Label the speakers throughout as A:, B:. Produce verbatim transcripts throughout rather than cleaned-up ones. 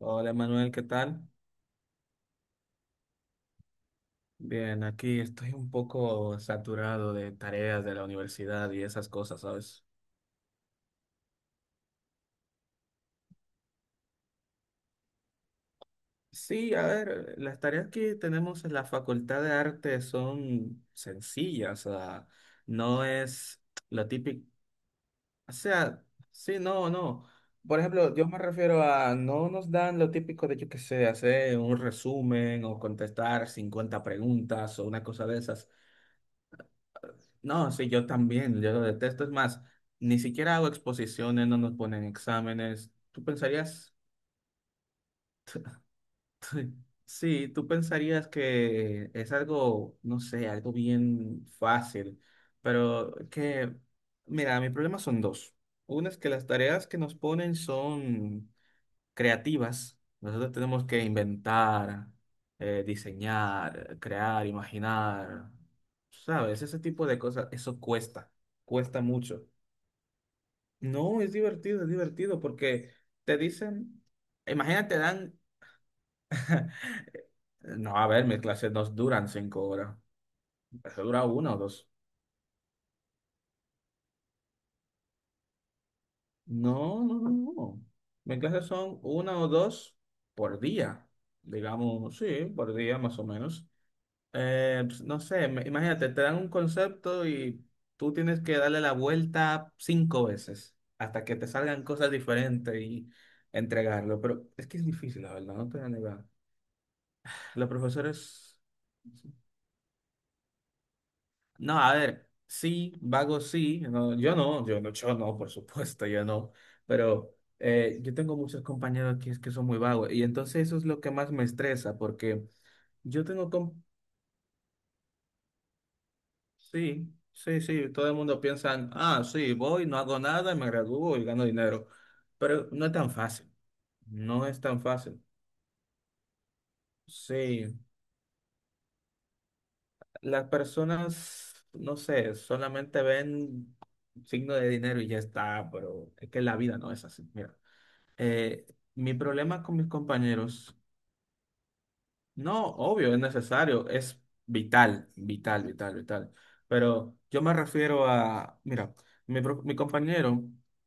A: Hola Manuel, ¿qué tal? Bien, aquí estoy un poco saturado de tareas de la universidad y esas cosas, ¿sabes? Sí, a ver, las tareas que tenemos en la Facultad de Arte son sencillas, o sea, no es lo típico, o sea, sí, no, no. Por ejemplo, yo me refiero a no nos dan lo típico de, yo qué sé, hacer un resumen o contestar cincuenta preguntas o una cosa de esas. No, sí, yo también, yo lo detesto. Es más, ni siquiera hago exposiciones, no nos ponen exámenes. ¿Tú pensarías, sí, tú pensarías que es algo, no sé, algo bien fácil, pero que, mira, mi problema son dos. Uno es que las tareas que nos ponen son creativas. Nosotros tenemos que inventar, eh, diseñar, crear, imaginar, ¿sabes? Ese tipo de cosas, eso cuesta, cuesta mucho. No, es divertido, es divertido porque te dicen, imagínate, dan, no, a ver, mis clases no duran cinco horas, mi clase dura una o dos. No, no, no, no. Mis clases son una o dos por día, digamos, sí, por día más o menos. Eh, pues, no sé, me- imagínate, te dan un concepto y tú tienes que darle la vuelta cinco veces hasta que te salgan cosas diferentes y entregarlo, pero es que es difícil, la verdad, no te voy a negar. Los profesores. No, a ver, sí, vago sí, no, yo no, yo no, yo no, por supuesto, yo no, pero eh, yo tengo muchos compañeros que, es que son muy vagos y entonces eso es lo que más me estresa porque yo tengo, com- sí, sí, sí, todo el mundo piensa, ah, sí, voy, no hago nada, me gradúo y gano dinero, pero no es tan fácil, no es tan fácil, sí, las personas, no sé, solamente ven signo de dinero y ya está, pero es que la vida no es así. Mira, eh, mi problema con mis compañeros no, obvio, es necesario, es vital, vital, vital, vital. Pero yo me refiero a, mira, mi, pro- mi compañero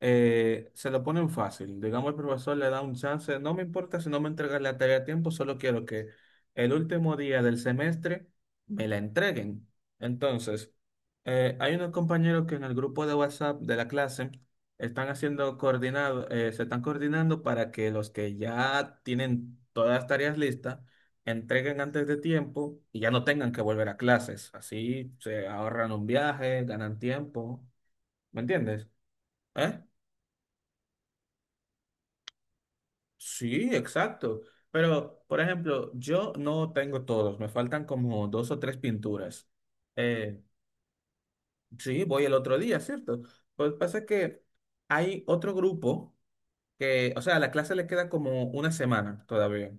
A: eh, se lo ponen fácil. Digamos, el profesor le da un chance, no me importa si no me entregas la tarea a tiempo, solo quiero que el último día del semestre me la entreguen. Entonces, eh, hay unos compañeros que en el grupo de WhatsApp de la clase están haciendo coordinado, eh, se están coordinando para que los que ya tienen todas las tareas listas, entreguen antes de tiempo y ya no tengan que volver a clases. Así se ahorran un viaje, ganan tiempo. ¿Me entiendes? ¿Eh? Sí, exacto. Pero, por ejemplo, yo no tengo todos, me faltan como dos o tres pinturas. Eh, sí, voy el otro día, ¿cierto? Pues pasa que hay otro grupo que, o sea, a la clase le queda como una semana todavía.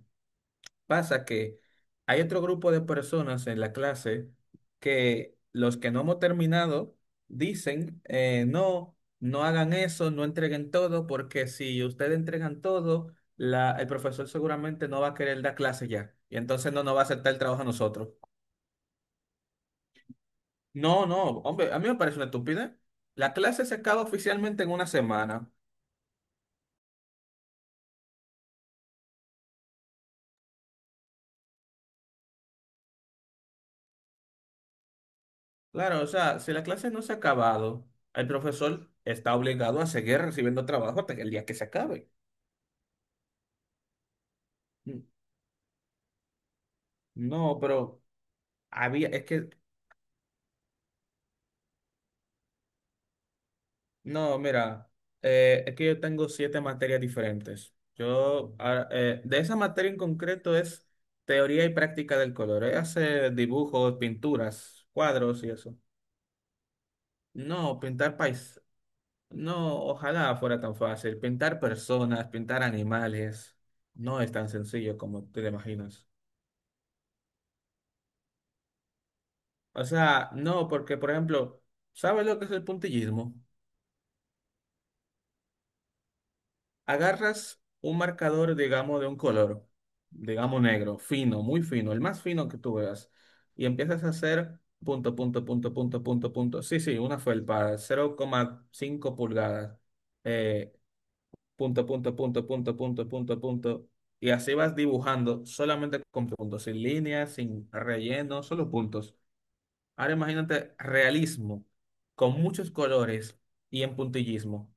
A: Pasa que hay otro grupo de personas en la clase que los que no hemos terminado dicen, eh, no, no hagan eso, no entreguen todo, porque si ustedes entregan todo, la, el profesor seguramente no va a querer dar clase ya. Y entonces no nos va a aceptar el trabajo a nosotros. No, no, hombre, a mí me parece una estupidez. La clase se acaba oficialmente en una semana. Claro, o sea, si la clase no se ha acabado, el profesor está obligado a seguir recibiendo trabajo hasta el día que se acabe. No, pero había, es que, no, mira, eh, es que yo tengo siete materias diferentes. Yo, ah, eh, de esa materia en concreto es teoría y práctica del color. Ella hace dibujos, pinturas, cuadros y eso. No, pintar pais, no, ojalá fuera tan fácil. Pintar personas, pintar animales, no es tan sencillo como te lo imaginas. O sea, no, porque, por ejemplo, ¿sabes lo que es el puntillismo? Agarras un marcador, digamos, de un color, digamos negro, fino, muy fino, el más fino que tú veas, y empiezas a hacer punto, punto, punto, punto, punto, punto. Sí, sí, una felpa, cero coma cinco pulgadas, eh, punto, punto, punto, punto, punto, punto, punto. Y así vas dibujando solamente con puntos, sin líneas, sin relleno, solo puntos. Ahora imagínate realismo, con muchos colores y en puntillismo.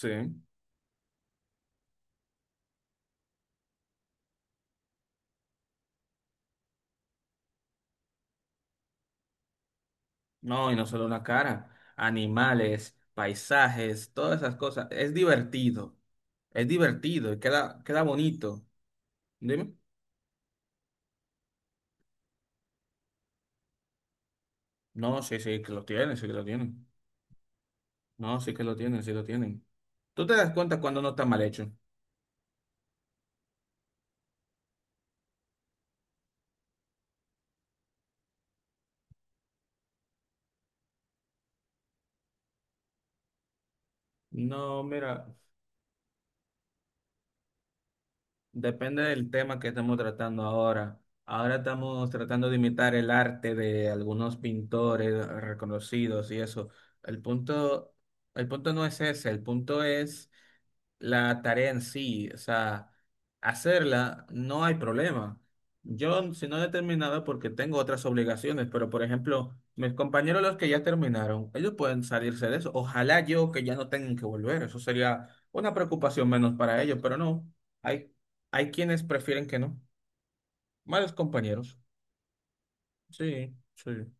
A: Sí. No, y no solo una cara, animales, paisajes, todas esas cosas. Es divertido, es divertido y queda, queda bonito. Dime. No, sí, sí, que lo tienen, sí que lo tienen. No, sí que lo tienen, sí lo tienen. ¿Tú te das cuenta cuando no está mal hecho? No, mira. Depende del tema que estamos tratando ahora. Ahora estamos tratando de imitar el arte de algunos pintores reconocidos y eso. El punto, el punto no es ese, el punto es la tarea en sí. O sea, hacerla no hay problema. Yo, si no he terminado, porque tengo otras obligaciones, pero por ejemplo, mis compañeros los que ya terminaron, ellos pueden salirse de eso. Ojalá yo que ya no tengan que volver. Eso sería una preocupación menos para ellos, pero no. Hay hay quienes prefieren que no. Malos compañeros. Sí, sí,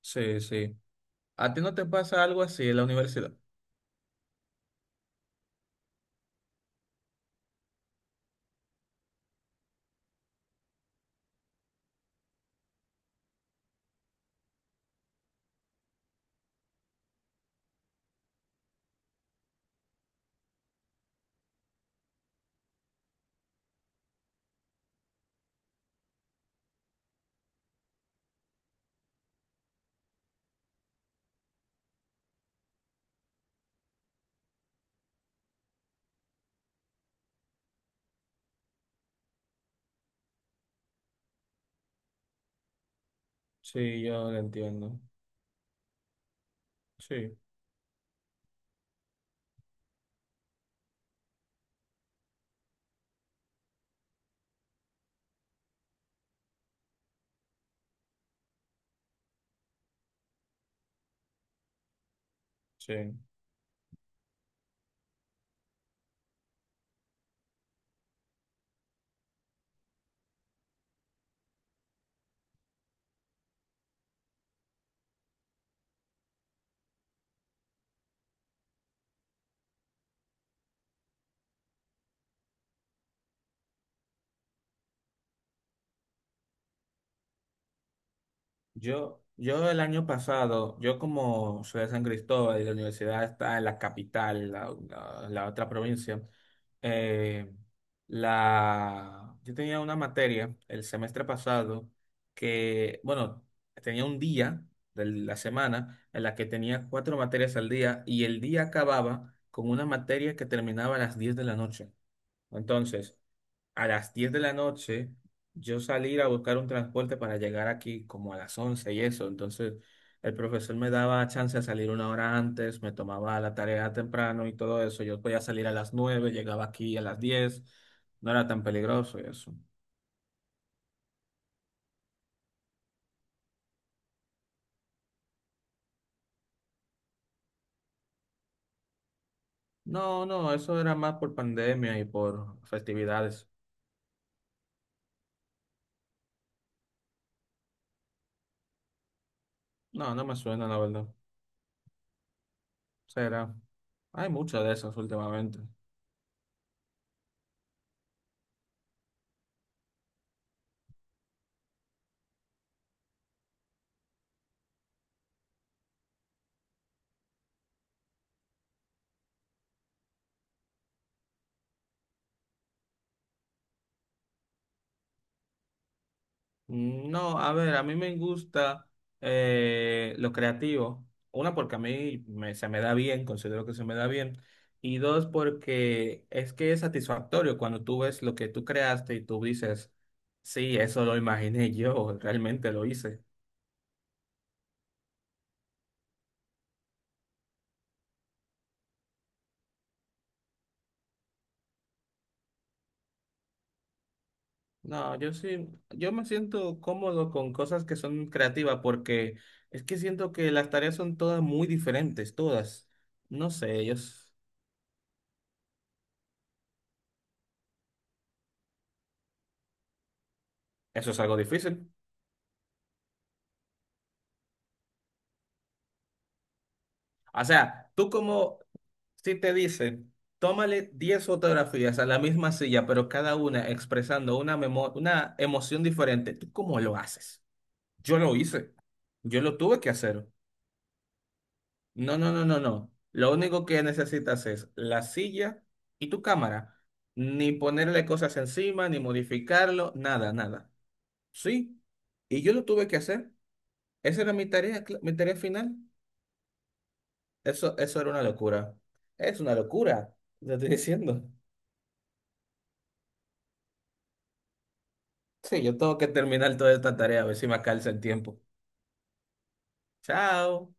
A: sí, sí. ¿A ti no te pasa algo así en la universidad? Sí, yo lo entiendo. Sí, sí. Yo, yo el año pasado, yo como soy de San Cristóbal y la universidad está en la capital, la, la- la otra provincia, eh, la, yo tenía una materia el semestre pasado que, bueno, tenía un día de la semana en la que tenía cuatro materias al día y el día acababa con una materia que terminaba a las diez de la noche. Entonces, a las diez de la noche, yo salir a buscar un transporte para llegar aquí como a las once y eso. Entonces, el profesor me daba chance de salir una hora antes, me tomaba la tarea temprano y todo eso. Yo podía salir a las nueve, llegaba aquí a las diez. No era tan peligroso y eso. No, no, eso era más por pandemia y por festividades. No, no me suena, la verdad. Será. Hay mucho de esas últimamente. Mm, No, a ver, a mí me gusta eh, lo creativo. Una, porque a mí me- se me da bien, considero que se me da bien. Y dos, porque es que es satisfactorio cuando tú ves lo que tú creaste y tú dices, sí, eso lo imaginé yo, realmente lo hice. No, yo sí, yo me siento cómodo con cosas que son creativas porque es que siento que las tareas son todas muy diferentes, todas. No sé, ellos, eso es algo difícil. O sea, tú como Si te dicen, tómale diez fotografías a la misma silla, pero cada una expresando una memo- una emoción diferente, ¿tú cómo lo haces? Yo lo hice. Yo lo tuve que hacer. No, no, no, no, no. Lo único que necesitas es la silla y tu cámara. Ni ponerle cosas encima, ni modificarlo, nada, nada. Sí. Y yo lo tuve que hacer. Esa era mi tarea, cl- mi tarea final. Eso, eso era una locura. Es una locura, te estoy diciendo. Sí, yo tengo que terminar toda esta tarea, a ver si me alcanza el tiempo. Chao.